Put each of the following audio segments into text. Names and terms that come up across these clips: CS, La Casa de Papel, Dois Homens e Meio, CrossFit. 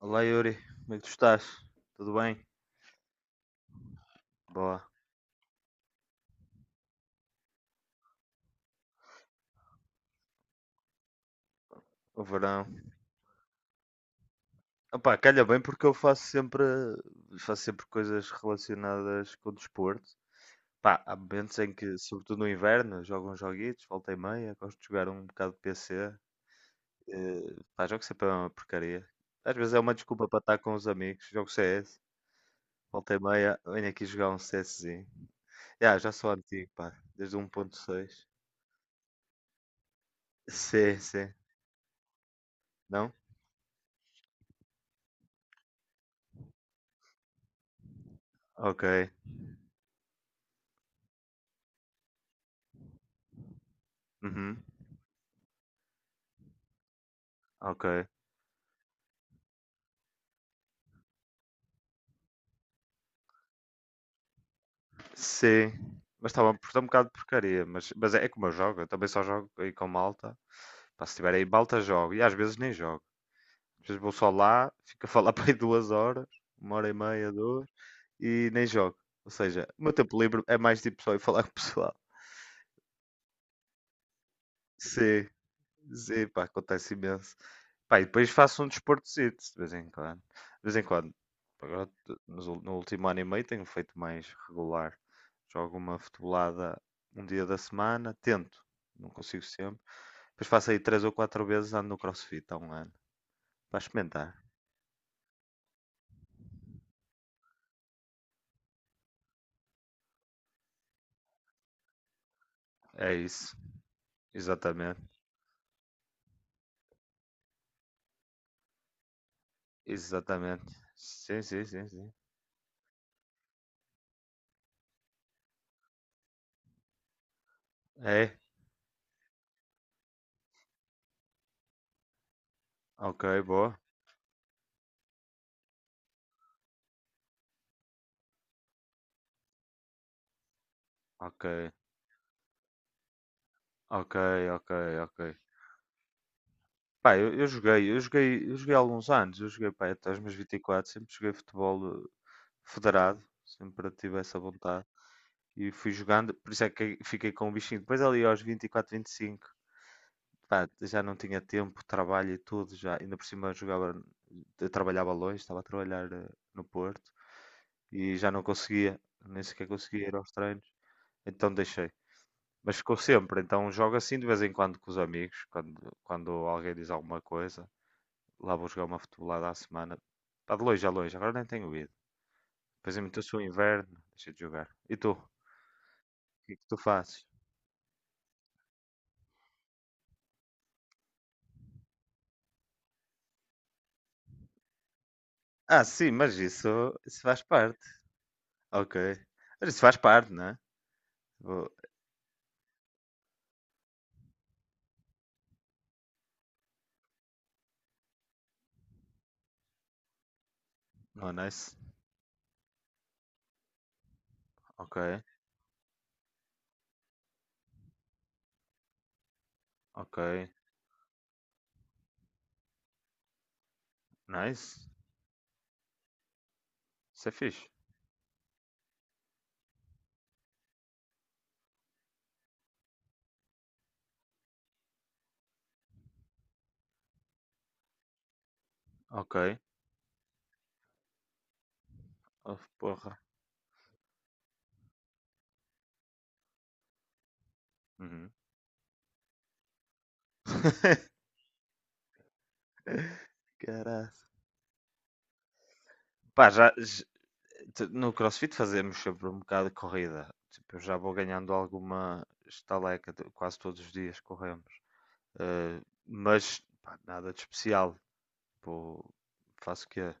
Olá Yuri, como é que tu estás? Tudo bem? Boa, o verão. Opá, calha bem porque eu faço sempre coisas relacionadas com o desporto. Pá, há momentos em que, sobretudo no inverno, jogo uns joguitos, volta e meia, gosto de jogar um bocado de PC. Pá, jogo sempre é uma porcaria. Às vezes é uma desculpa para estar com os amigos, jogo CS, volta e meia, venho aqui jogar um CSzinho. Já sou antigo, pá, desde 1.6. Sim, sim. Não? Ok. Uhum. Ok. Sim, mas estava bom, porque um bocado de porcaria. Mas é, é como eu jogo, eu também só jogo aí com malta. Pá, se tiver aí malta, jogo. E às vezes nem jogo. Às vezes vou só lá, fico a falar para aí 2 horas, 1 hora e meia, duas, e nem jogo. Ou seja, o meu tempo livre é mais tipo só ir falar com o pessoal. Sim. Sim, pá, acontece imenso. Pá, e depois faço um desportozito de vez em quando. De vez em quando. Agora, no último ano e meio tenho feito mais regular. Jogo uma futebolada um dia da semana, tento, não consigo sempre. Depois faço aí três ou quatro vezes, ando no CrossFit há um ano. Para experimentar. É isso. Exatamente. Exatamente. Sim, sim, sim, sim. É? Ok, boa. Ok. Ok, ok, ok. Pá, eu joguei há alguns anos, eu joguei pá, até aos meus 24, sempre joguei futebol federado, sempre tive essa vontade e fui jogando, por isso é que fiquei com o bichinho. Depois ali aos 24, 25, pá, já não tinha tempo, trabalho e tudo, já ainda por cima eu jogava, eu trabalhava longe, estava a trabalhar no Porto e já não conseguia, nem sequer conseguia ir aos treinos, então deixei. Mas ficou sempre, então jogo assim de vez em quando com os amigos, quando alguém diz alguma coisa. Lá vou jogar uma futebolada à semana. Está de longe a longe, agora nem tenho ido. Depois imitou-se o inverno, deixa de jogar. E tu? O que é que tu fazes? Ah, sim, isso faz parte. Ok. Mas isso faz parte, né? Vou- Oh, nice. Ok, ok. Nice. Isso é fixe. Ok. Oh, porra. Uhum. Caralho. Pá, já, j- t- No CrossFit fazemos sempre um bocado de corrida. Tipo, eu já vou ganhando alguma estaleca, quase todos os dias corremos. Eh, mas pá, nada de especial. Vou- faço o quê?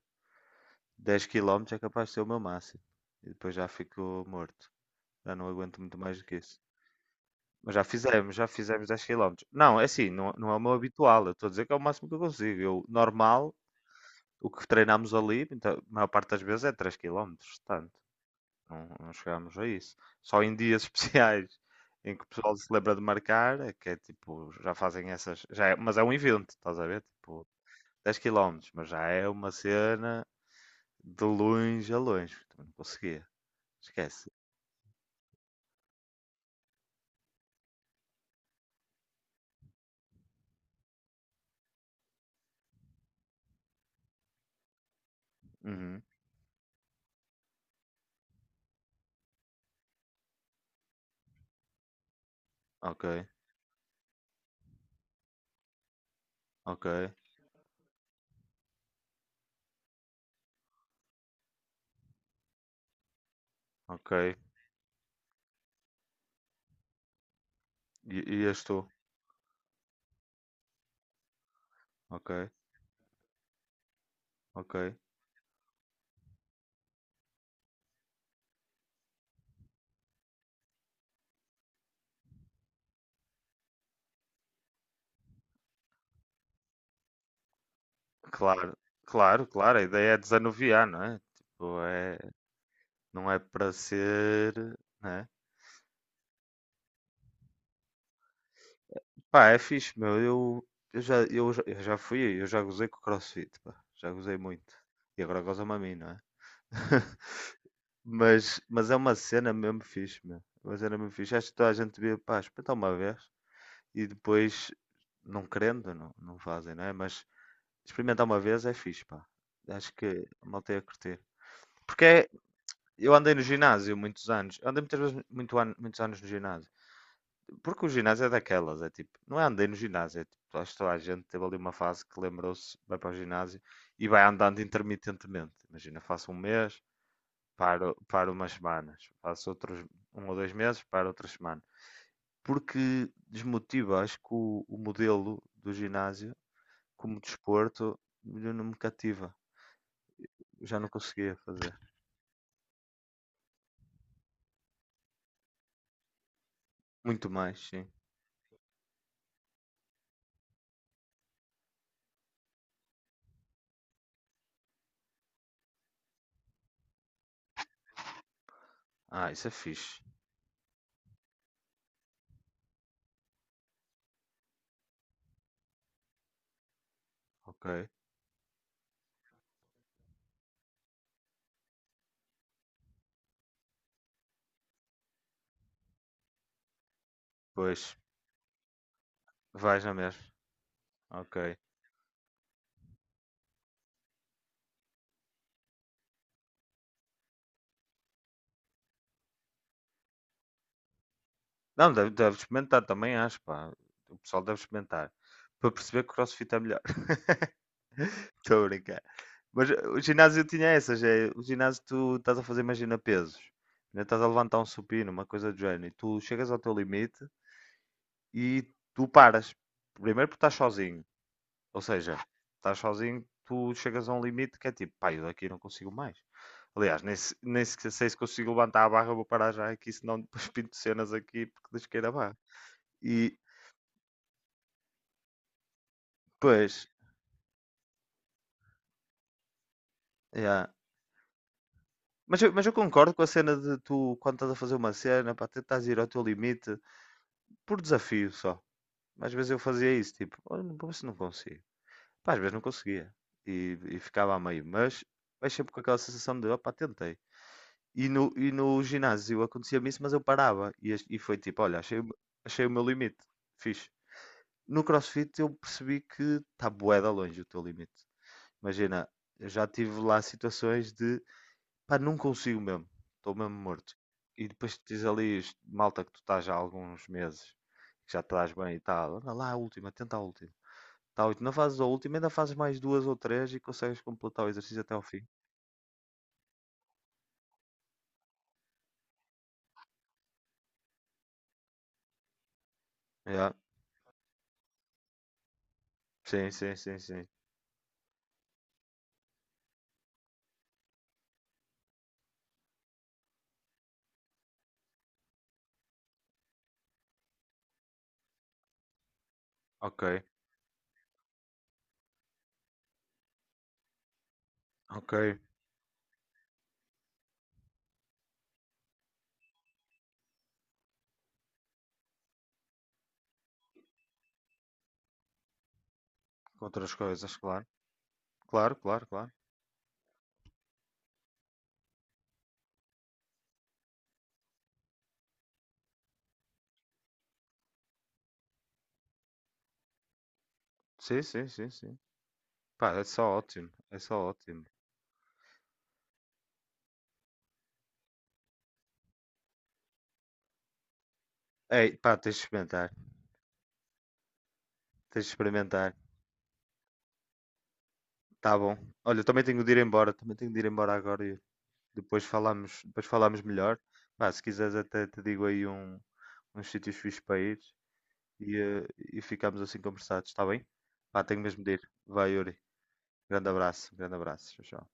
10 quilómetros é capaz de ser o meu máximo. E depois já fico morto. Já não aguento muito mais do que isso. Mas já fizemos 10 quilómetros. Não, é assim, não, não é o meu habitual. Eu estou a dizer que é o máximo que eu consigo. Eu, normal, o que treinámos ali, então, a maior parte das vezes é 3 quilómetros. Portanto, não chegámos a isso. Só em dias especiais em que o pessoal se lembra de marcar, é que é tipo, já fazem essas. Já é- mas é um evento, estás a ver? Tipo, 10 quilómetros mas já é uma cena de longe a longe. Também não conseguia. Esquece. Uhum. Ok, ok, ok. E este tu? Ok, ok. Claro, claro, claro. A ideia é desanuviar, não é? Tipo, é, não é para ser, né? Pá, é fixe, meu. Eu já, eu, já- eu já fui, eu já gozei com o CrossFit, pá. Já gozei muito. E agora goza-me a mim, não é? Mas é uma cena mesmo fixe, meu. É uma cena mesmo fixe. Acho que toda a gente devia, pá, experimentar uma vez e depois, não querendo, não fazem, não é? Mas experimentar uma vez é fixe, pá. Acho que a malta ia curtir. Porque é- eu andei no ginásio muitos anos. Eu andei muitas vezes muito ano, muitos anos no ginásio. Porque o ginásio é daquelas, é tipo, não é andei no ginásio, é tipo, acho que toda a gente teve ali uma fase que lembrou-se, vai para o ginásio e vai andando intermitentemente. Imagina, faço um mês, paro umas semanas, faço outros um ou dois meses, paro outras semanas. Porque desmotiva, acho que o modelo do ginásio, como desporto, não me cativa. Já não conseguia fazer. Muito mais, sim. Ah, isso é fixe. Ok. Pois, vais na mesma. Ok. Não, deve experimentar também, acho, pá. O pessoal deve experimentar. Para perceber que o CrossFit é melhor. Estou a brincar. Mas o ginásio tinha essas, é, o ginásio tu estás a fazer, imagina, pesos, né, estás a levantar um supino, uma coisa do género, e tu chegas ao teu limite e tu paras. Primeiro porque estás sozinho, ou seja, estás sozinho, tu chegas a um limite que é tipo, pá, eu daqui não consigo mais. Aliás, nem, se- nem se- sei se consigo levantar a barra, vou parar já aqui, senão depois pinto cenas aqui porque desqueira a barra. E, pois, yeah. Mas eu concordo com a cena de tu, quando estás a fazer uma cena, para tentar ir ao teu limite, por desafio só. Às vezes eu fazia isso, tipo, olha, vou ver se não consigo. Pá, às vezes não conseguia. E ficava a meio. Mas sempre com aquela sensação de, opá, tentei. E no ginásio acontecia-me isso, mas eu parava. E foi tipo, olha, achei o meu limite. Fixe. No CrossFit eu percebi que está bué da longe o teu limite. Imagina, eu já tive lá situações de, pá, não consigo mesmo. Estou mesmo morto. E depois tens ali, malta, que tu estás já há alguns meses, que já estás bem e tal. Anda lá, a última, tenta a última. Tal, e tu não fazes a última, ainda fazes mais duas ou três e consegues completar o exercício até ao fim. Yeah. Sim, sim, sim, sim. Ok, ok. Com outras coisas, claro. Claro, claro, claro. Sim, sim, sim, sim. Pá, é só ótimo. É só ótimo. Ei, pá, tens de experimentar. Tens de experimentar. Tá bom. Olha, eu também tenho de ir embora. Também tenho de ir embora agora e depois depois falamos melhor. Pá, se quiseres até te digo aí um, uns sítios fixos para ir e, e ficamos assim conversados, está bem? Pá, tenho mesmo de ir. Vai, Yuri. Grande abraço. Tchau.